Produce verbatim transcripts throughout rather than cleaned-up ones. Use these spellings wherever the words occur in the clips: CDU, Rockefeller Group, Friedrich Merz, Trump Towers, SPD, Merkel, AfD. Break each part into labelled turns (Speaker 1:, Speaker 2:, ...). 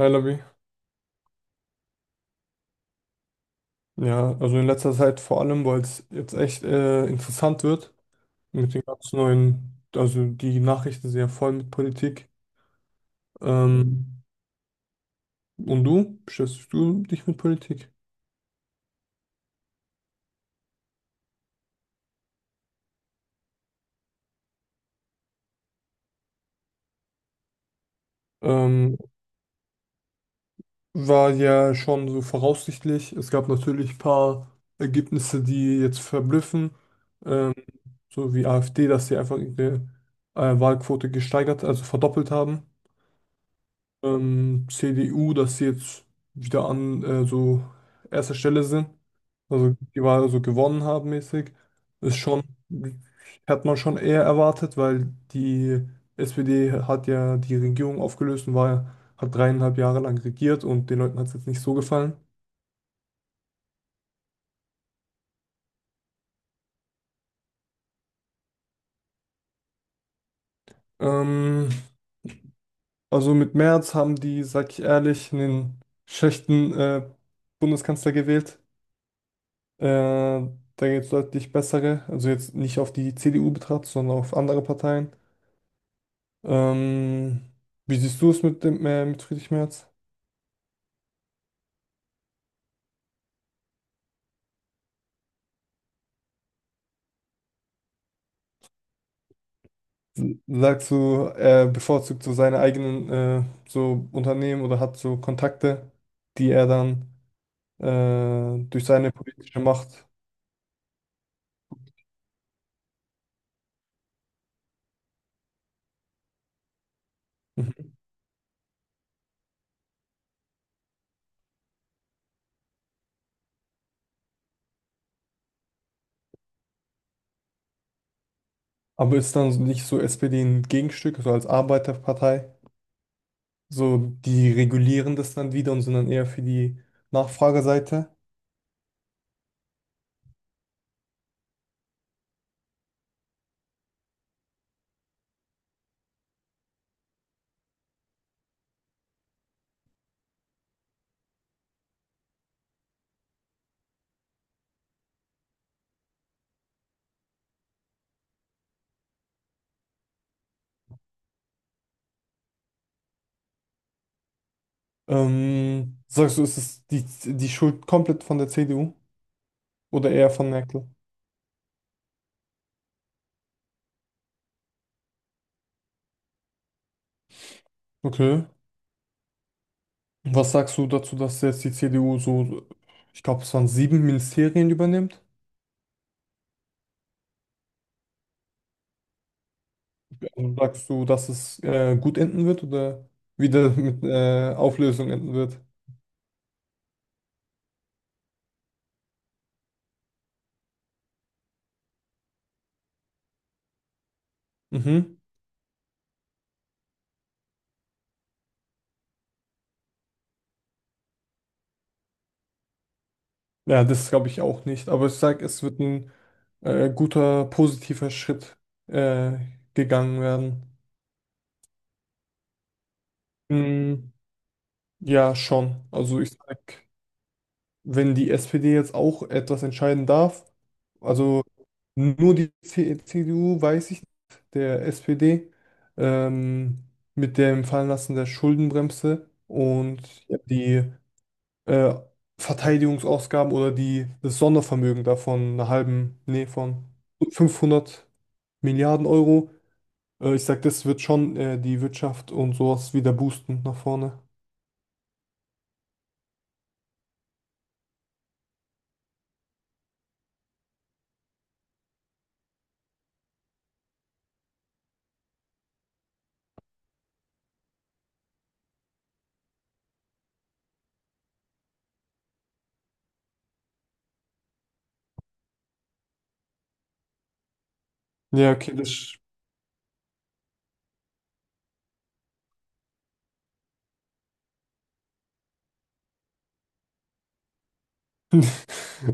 Speaker 1: Hi Labi. Ja, also in letzter Zeit vor allem, weil es jetzt echt äh, interessant wird mit den ganz neuen, also die Nachrichten sind ja voll mit Politik. Ähm, und du, beschäftigst du dich mit Politik? Ähm, war ja schon so voraussichtlich. Es gab natürlich ein paar Ergebnisse, die jetzt verblüffen, ähm, so wie AfD, dass sie einfach ihre äh, Wahlquote gesteigert, also verdoppelt haben. ähm, C D U, dass sie jetzt wieder an äh, so erster Stelle sind. Also die Wahl so gewonnen haben mäßig. Ist schon, hat man schon eher erwartet, weil die S P D hat ja die Regierung aufgelöst und war, hat dreieinhalb Jahre lang regiert und den Leuten hat es jetzt nicht so gefallen. Ähm, also mit Merz haben die, sag ich ehrlich, einen schlechten äh, Bundeskanzler gewählt. Äh, da gibt es deutlich bessere, also jetzt nicht auf die C D U betrachtet, sondern auf andere Parteien. Ähm, wie siehst du es mit dem, äh, mit Friedrich Merz? Sagst du, er bevorzugt so seine eigenen äh, so Unternehmen oder hat so Kontakte, die er dann äh, durch seine politische Macht. Mhm. Aber ist dann nicht so S P D ein Gegenstück, so als Arbeiterpartei? So, die regulieren das dann wieder und sind dann eher für die Nachfrageseite. Ähm, sagst du, ist es die, die Schuld komplett von der C D U oder eher von Merkel? Okay. Was sagst du dazu, dass jetzt die C D U so, ich glaube, es waren sieben Ministerien übernimmt? Also sagst du, dass es äh, gut enden wird oder wieder mit äh, Auflösung enden wird? Mhm. Ja, das glaube ich auch nicht. Aber ich sage, es wird ein äh, guter, positiver Schritt äh, gegangen werden. Mm, ja, schon. Also ich sag, wenn die S P D jetzt auch etwas entscheiden darf, also nur die C- CDU, weiß ich, nicht, der S P D, ähm, mit dem Fallenlassen der Schuldenbremse und ja, die äh, Verteidigungsausgaben oder die, das Sondervermögen davon, einer halben, nee, von fünfhundert Milliarden Euro. Äh, ich sag, das wird schon äh, die Wirtschaft und sowas wieder boosten nach vorne. Ja, okay, das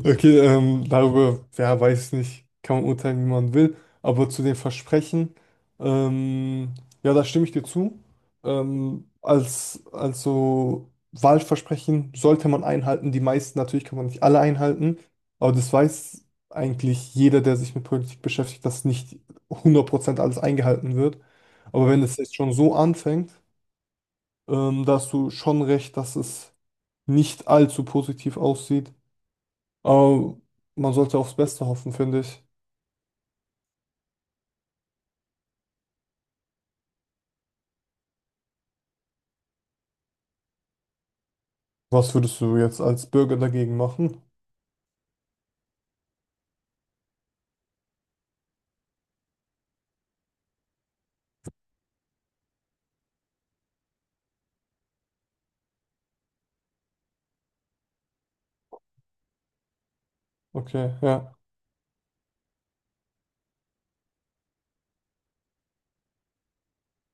Speaker 1: Okay, ähm, darüber, ja, weiß nicht, kann man urteilen, wie man will, aber zu den Versprechen, ähm, ja, da stimme ich dir zu. Ähm, als, also Wahlversprechen sollte man einhalten, die meisten natürlich kann man nicht alle einhalten, aber das weiß eigentlich jeder, der sich mit Politik beschäftigt, dass nicht hundert Prozent alles eingehalten wird. Aber wenn es jetzt schon so anfängt, ähm, da hast du schon recht, dass es nicht allzu positiv aussieht. Aber man sollte aufs Beste hoffen, finde ich. Was würdest du jetzt als Bürger dagegen machen? Okay, ja.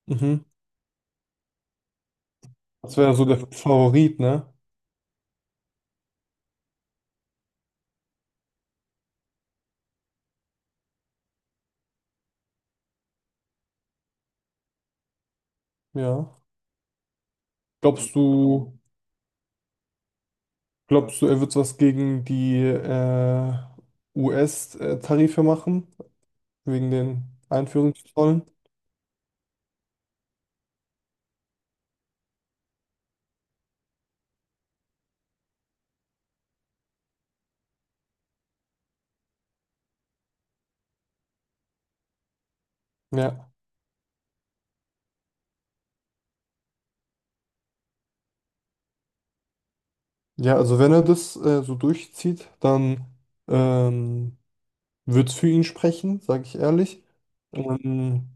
Speaker 1: Mhm. Das wäre ja so der Favorit, ne? Ja. Glaubst du, glaubst du, er wird was gegen die äh, U S-Tarife machen? Wegen den Einführungszollen? Ja. Ja, also wenn er das äh, so durchzieht, dann ähm, wird es für ihn sprechen, sage ich ehrlich. Ähm,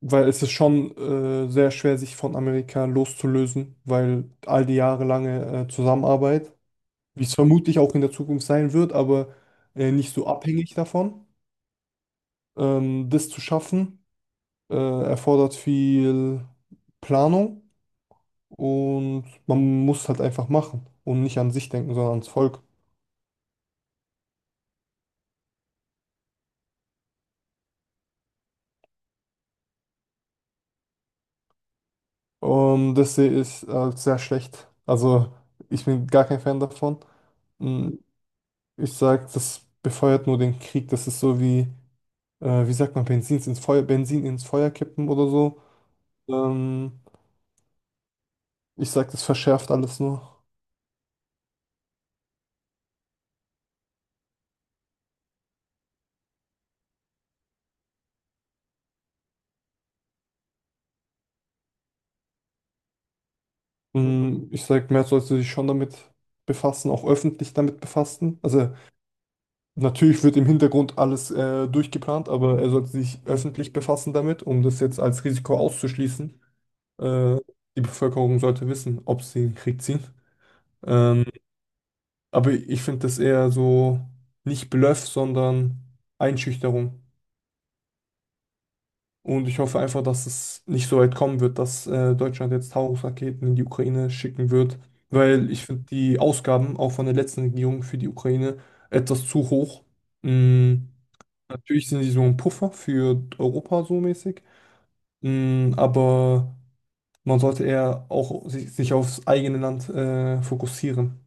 Speaker 1: Weil es ist schon äh, sehr schwer, sich von Amerika loszulösen, weil all die jahrelange äh, Zusammenarbeit, wie es vermutlich auch in der Zukunft sein wird, aber äh, nicht so abhängig davon, ähm, das zu schaffen, äh, erfordert viel Planung und man muss halt einfach machen und nicht an sich denken, sondern ans Volk. Und das sehe ich als sehr schlecht. Also ich bin gar kein Fan davon. Mm, Ich sage, das befeuert nur den Krieg. Das ist so wie äh, wie sagt man, Benzins ins Feuer, Benzin ins Feuer kippen oder so. Ähm, ich sag, das verschärft alles nur. Mm, Ich sag, mehr sollte sich schon damit befassen, auch öffentlich damit befassen. Also natürlich wird im Hintergrund alles äh, durchgeplant, aber er sollte sich öffentlich befassen damit, um das jetzt als Risiko auszuschließen. Äh, die Bevölkerung sollte wissen, ob sie in den Krieg ziehen. Ähm, aber ich finde das eher so nicht Bluff, sondern Einschüchterung. Und ich hoffe einfach, dass es nicht so weit kommen wird, dass äh, Deutschland jetzt Taurus-Raketen in die Ukraine schicken wird, weil ich finde die Ausgaben auch von der letzten Regierung für die Ukraine etwas zu hoch. Mm, natürlich sind sie so ein Puffer für Europa so mäßig, mm, aber man sollte eher auch sich, sich aufs eigene Land äh, fokussieren.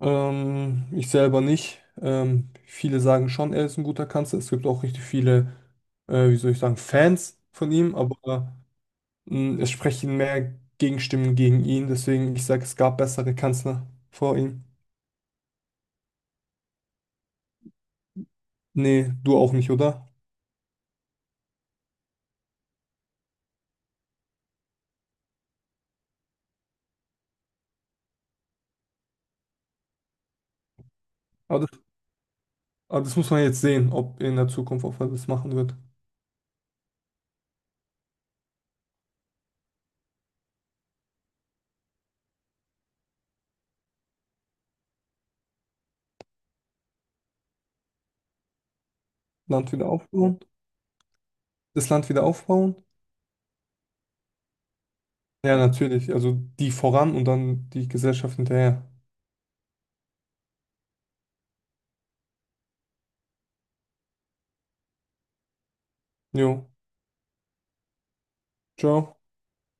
Speaker 1: Ähm, ich selber nicht. Ähm, viele sagen schon, er ist ein guter Kanzler. Es gibt auch richtig viele äh, wie soll ich sagen, Fans von ihm, aber Mm, Es sprechen mehr Gegenstimmen gegen ihn, deswegen ich sage, es gab bessere Kanzler vor ihm. Nee, du auch nicht, oder? Aber das, aber das muss man jetzt sehen, ob in der Zukunft, ob er das machen wird. Land wieder aufbauen? Das Land wieder aufbauen? Ja, natürlich. Also die voran und dann die Gesellschaft hinterher. Jo, ciao.